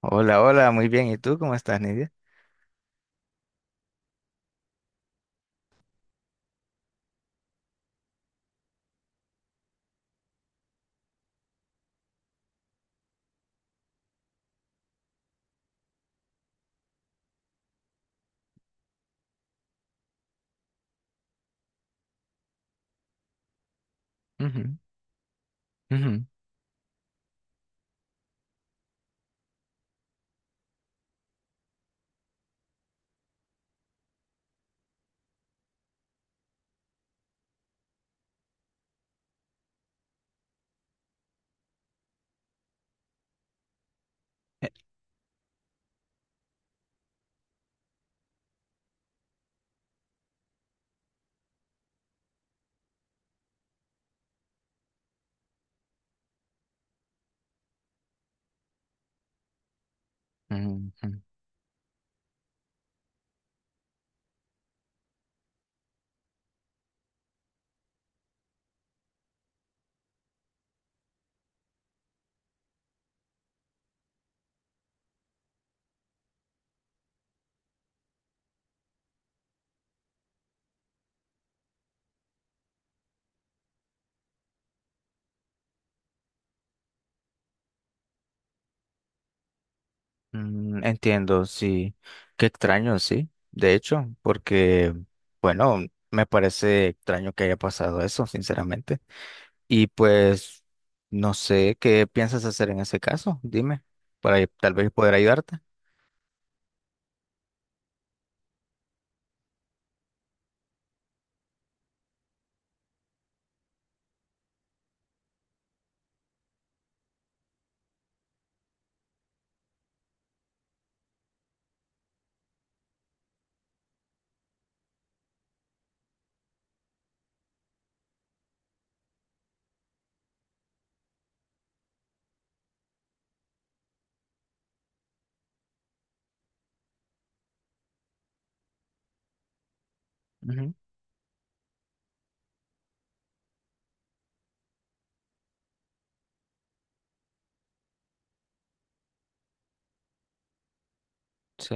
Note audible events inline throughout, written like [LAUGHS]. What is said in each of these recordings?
Hola, hola, muy bien. ¿Y tú cómo estás, Nidia? Ujú, ujú, eh, ujú, mm, mm, entiendo, sí. Qué extraño, sí. De hecho, porque, bueno, me parece extraño que haya pasado eso, sinceramente. Y pues, no sé qué piensas hacer en ese caso. Dime, para tal vez poder ayudarte. Ujú, sí,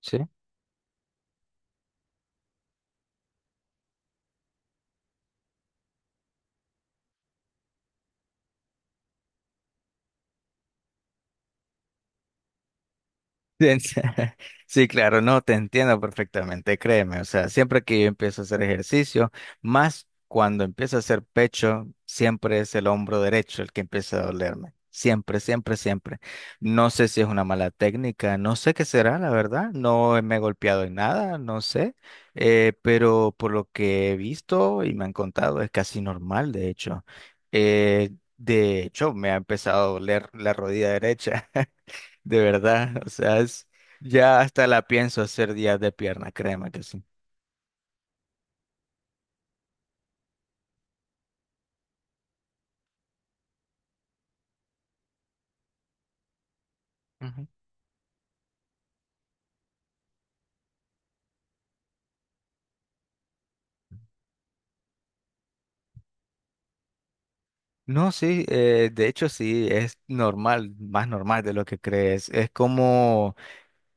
sí. Te enti- [LAUGHS] Sí, claro, no, te entiendo perfectamente, créeme. O sea, siempre que yo empiezo a hacer ejercicio, más cuando empiezo a hacer pecho, siempre es el hombro derecho el que empieza a dolerme. Siempre, siempre, siempre. No sé si es una mala técnica, no sé qué será, la verdad. No me he golpeado en nada, no sé. Pero por lo que he visto y me han contado, es casi normal, de hecho. Eh, de hecho, me ha empezado a doler la rodilla derecha. [LAUGHS] De verdad, o sea, es, ya hasta la pienso hacer días de pierna, créeme que sí. Ujú. No, sí, de hecho sí, es normal, más normal de lo que crees. Es como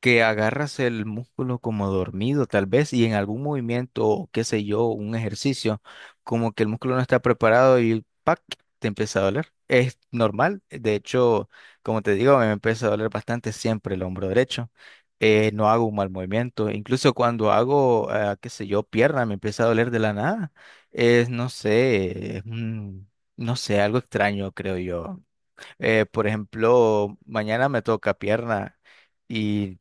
que agarras el músculo como dormido tal vez y en algún movimiento o qué sé yo, un ejercicio, como que el músculo no está preparado y ¡pac! Te empieza a doler. Es normal, de hecho, como te digo, me empieza a doler bastante siempre el hombro derecho. No hago un mal movimiento, incluso cuando hago, ah, qué sé yo, pierna, me empieza a doler de la nada. Es, no sé, es un- No sé, algo extraño, creo yo. Por ejemplo, mañana me toca pierna. Y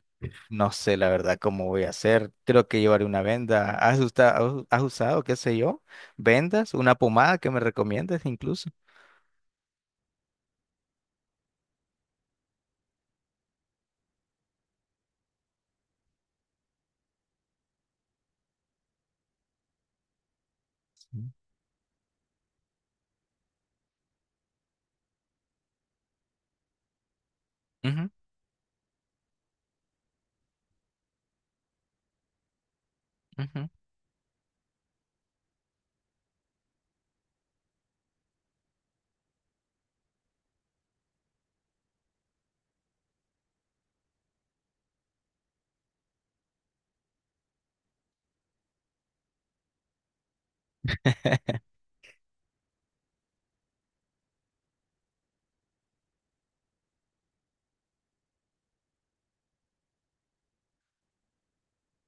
no sé la verdad cómo voy a hacer. Creo que llevaré una venda. Has usado, qué sé yo, vendas, una pomada que me recomiendes incluso? Sí. Ujú, ujú.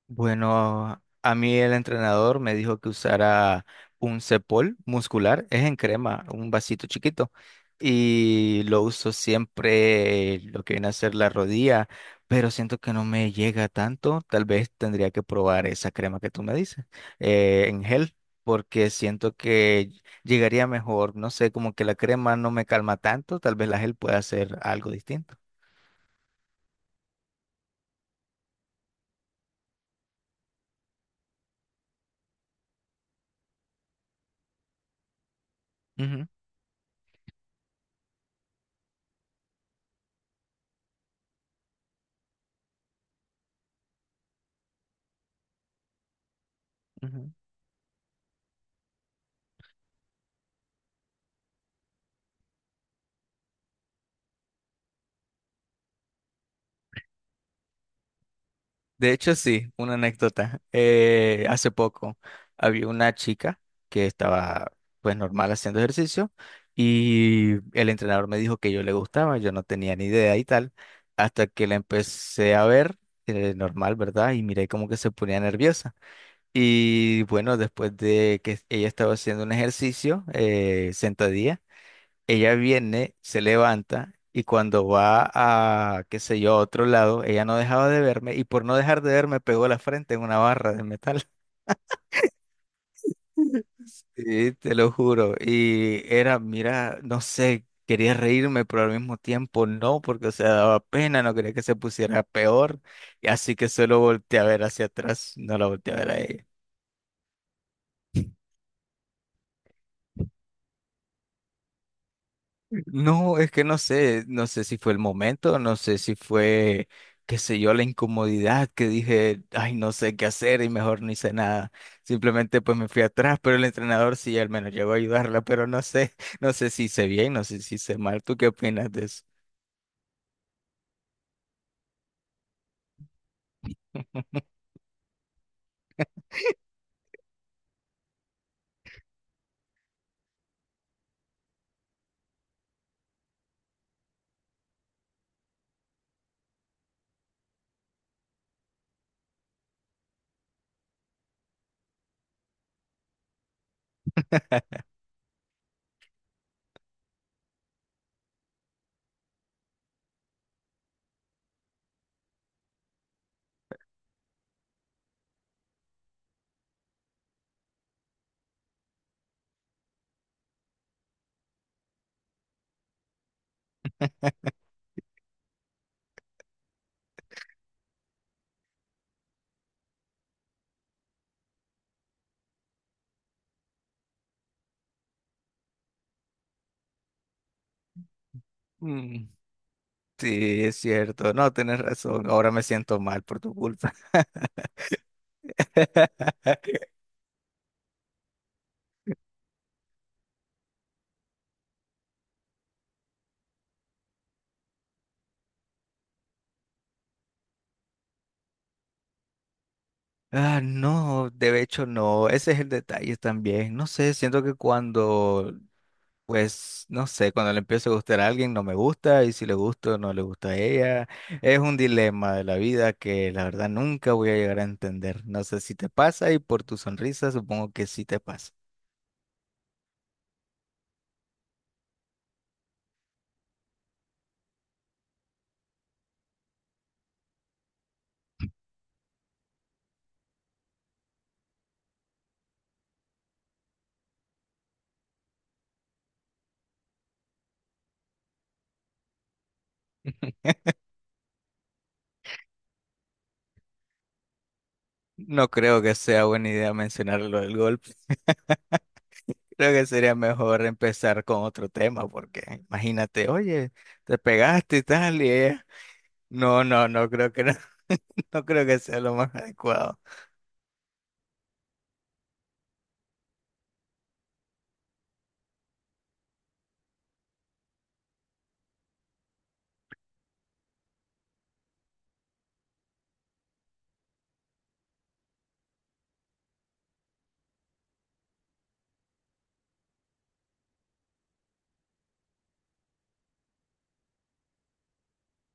Bueno, a mí el entrenador me dijo que usara un Cepol muscular, es en crema, un vasito chiquito, y lo uso siempre lo que viene a ser la rodilla, pero siento que no me llega tanto, tal vez tendría que probar esa crema que tú me dices, en gel, porque siento que llegaría mejor, no sé, como que la crema no me calma tanto, tal vez la gel pueda hacer algo distinto. Ujú, ujú. De hecho, sí, una anécdota. Hace poco había una chica que estaba pues normal haciendo ejercicio y el entrenador me dijo que yo le gustaba, yo no tenía ni idea y tal, hasta que la empecé a ver, normal, ¿verdad? Y miré como que se ponía nerviosa. Y bueno, después de que ella estaba haciendo un ejercicio, sentadilla. Ella viene, se levanta y cuando va a, qué sé yo, a otro lado, ella no dejaba de verme y por no dejar de verme pegó la frente en una barra de metal. [LAUGHS] Sí, te lo juro. Y era, mira, no sé, quería reírme, pero al mismo tiempo no, porque o sea, daba pena, no quería que se pusiera peor. Y así que solo volteé a ver hacia atrás, no la volteé a ver a ella. No, es que no sé, no sé si fue el momento, no sé si fue, qué sé yo, la incomodidad que dije, ay, no sé qué hacer y mejor no hice nada. Simplemente pues me fui atrás, pero el entrenador sí al menos llegó a ayudarla, pero no sé, [LAUGHS] no sé si hice bien, no sé si hice mal. ¿Tú qué opinas de eso? Mm, [LAUGHS] sí, es cierto, no, tienes razón, ahora me siento mal por tu culpa. [LAUGHS] Ah, no, de hecho no, ese es el detalle también. No sé, siento que cuando, pues no sé, cuando le empiezo a gustar a alguien no me gusta y si le gusto no le gusta a ella. Es un dilema de la vida que la verdad nunca voy a llegar a entender. No sé si te pasa y por tu sonrisa supongo que sí te pasa. [LAUGHS] No creo que sea buena idea mencionar lo del golpe. Creo que sería mejor empezar con otro tema porque imagínate, oye, te pegaste y tal y ella... No, no, no creo que no, [LAUGHS] no creo que sea lo más adecuado.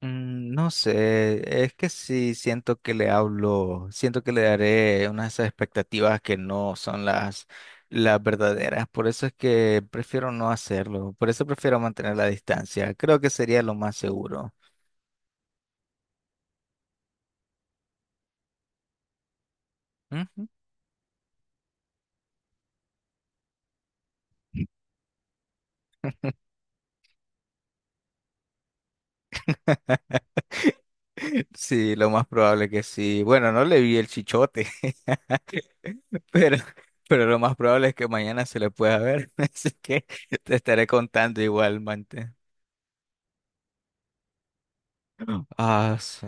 Mm, no sé, es que sí siento que le hablo, siento que le daré unas expectativas que no son las verdaderas, por eso es que prefiero no hacerlo, por eso prefiero mantener la distancia, creo que sería lo más seguro. Ujú. [LAUGHS] Sí, lo más probable que sí. Bueno, no le vi el chichote, [LAUGHS] pero, pero lo más probable es que mañana se le pueda ver, [LAUGHS] así que te estaré contando igualmente. Ah, sí.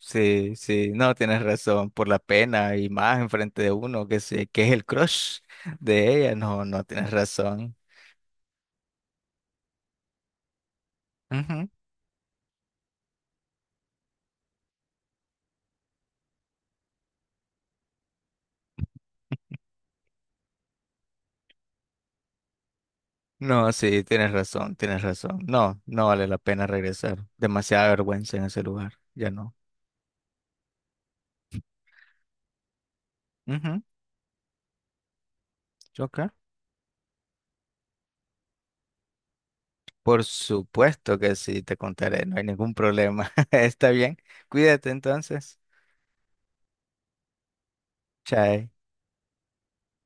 Sí, sí, no, tienes razón, por la pena y más enfrente de uno que es el crush de ella, no, no, tienes razón. Ujú. No, sí, tienes razón, tienes razón. No, no vale la pena regresar. Demasiada vergüenza en ese lugar, ya no. Ujú, ok. Por supuesto que sí, te contaré, no hay ningún problema. [LAUGHS] Está bien, cuídate entonces. Chao.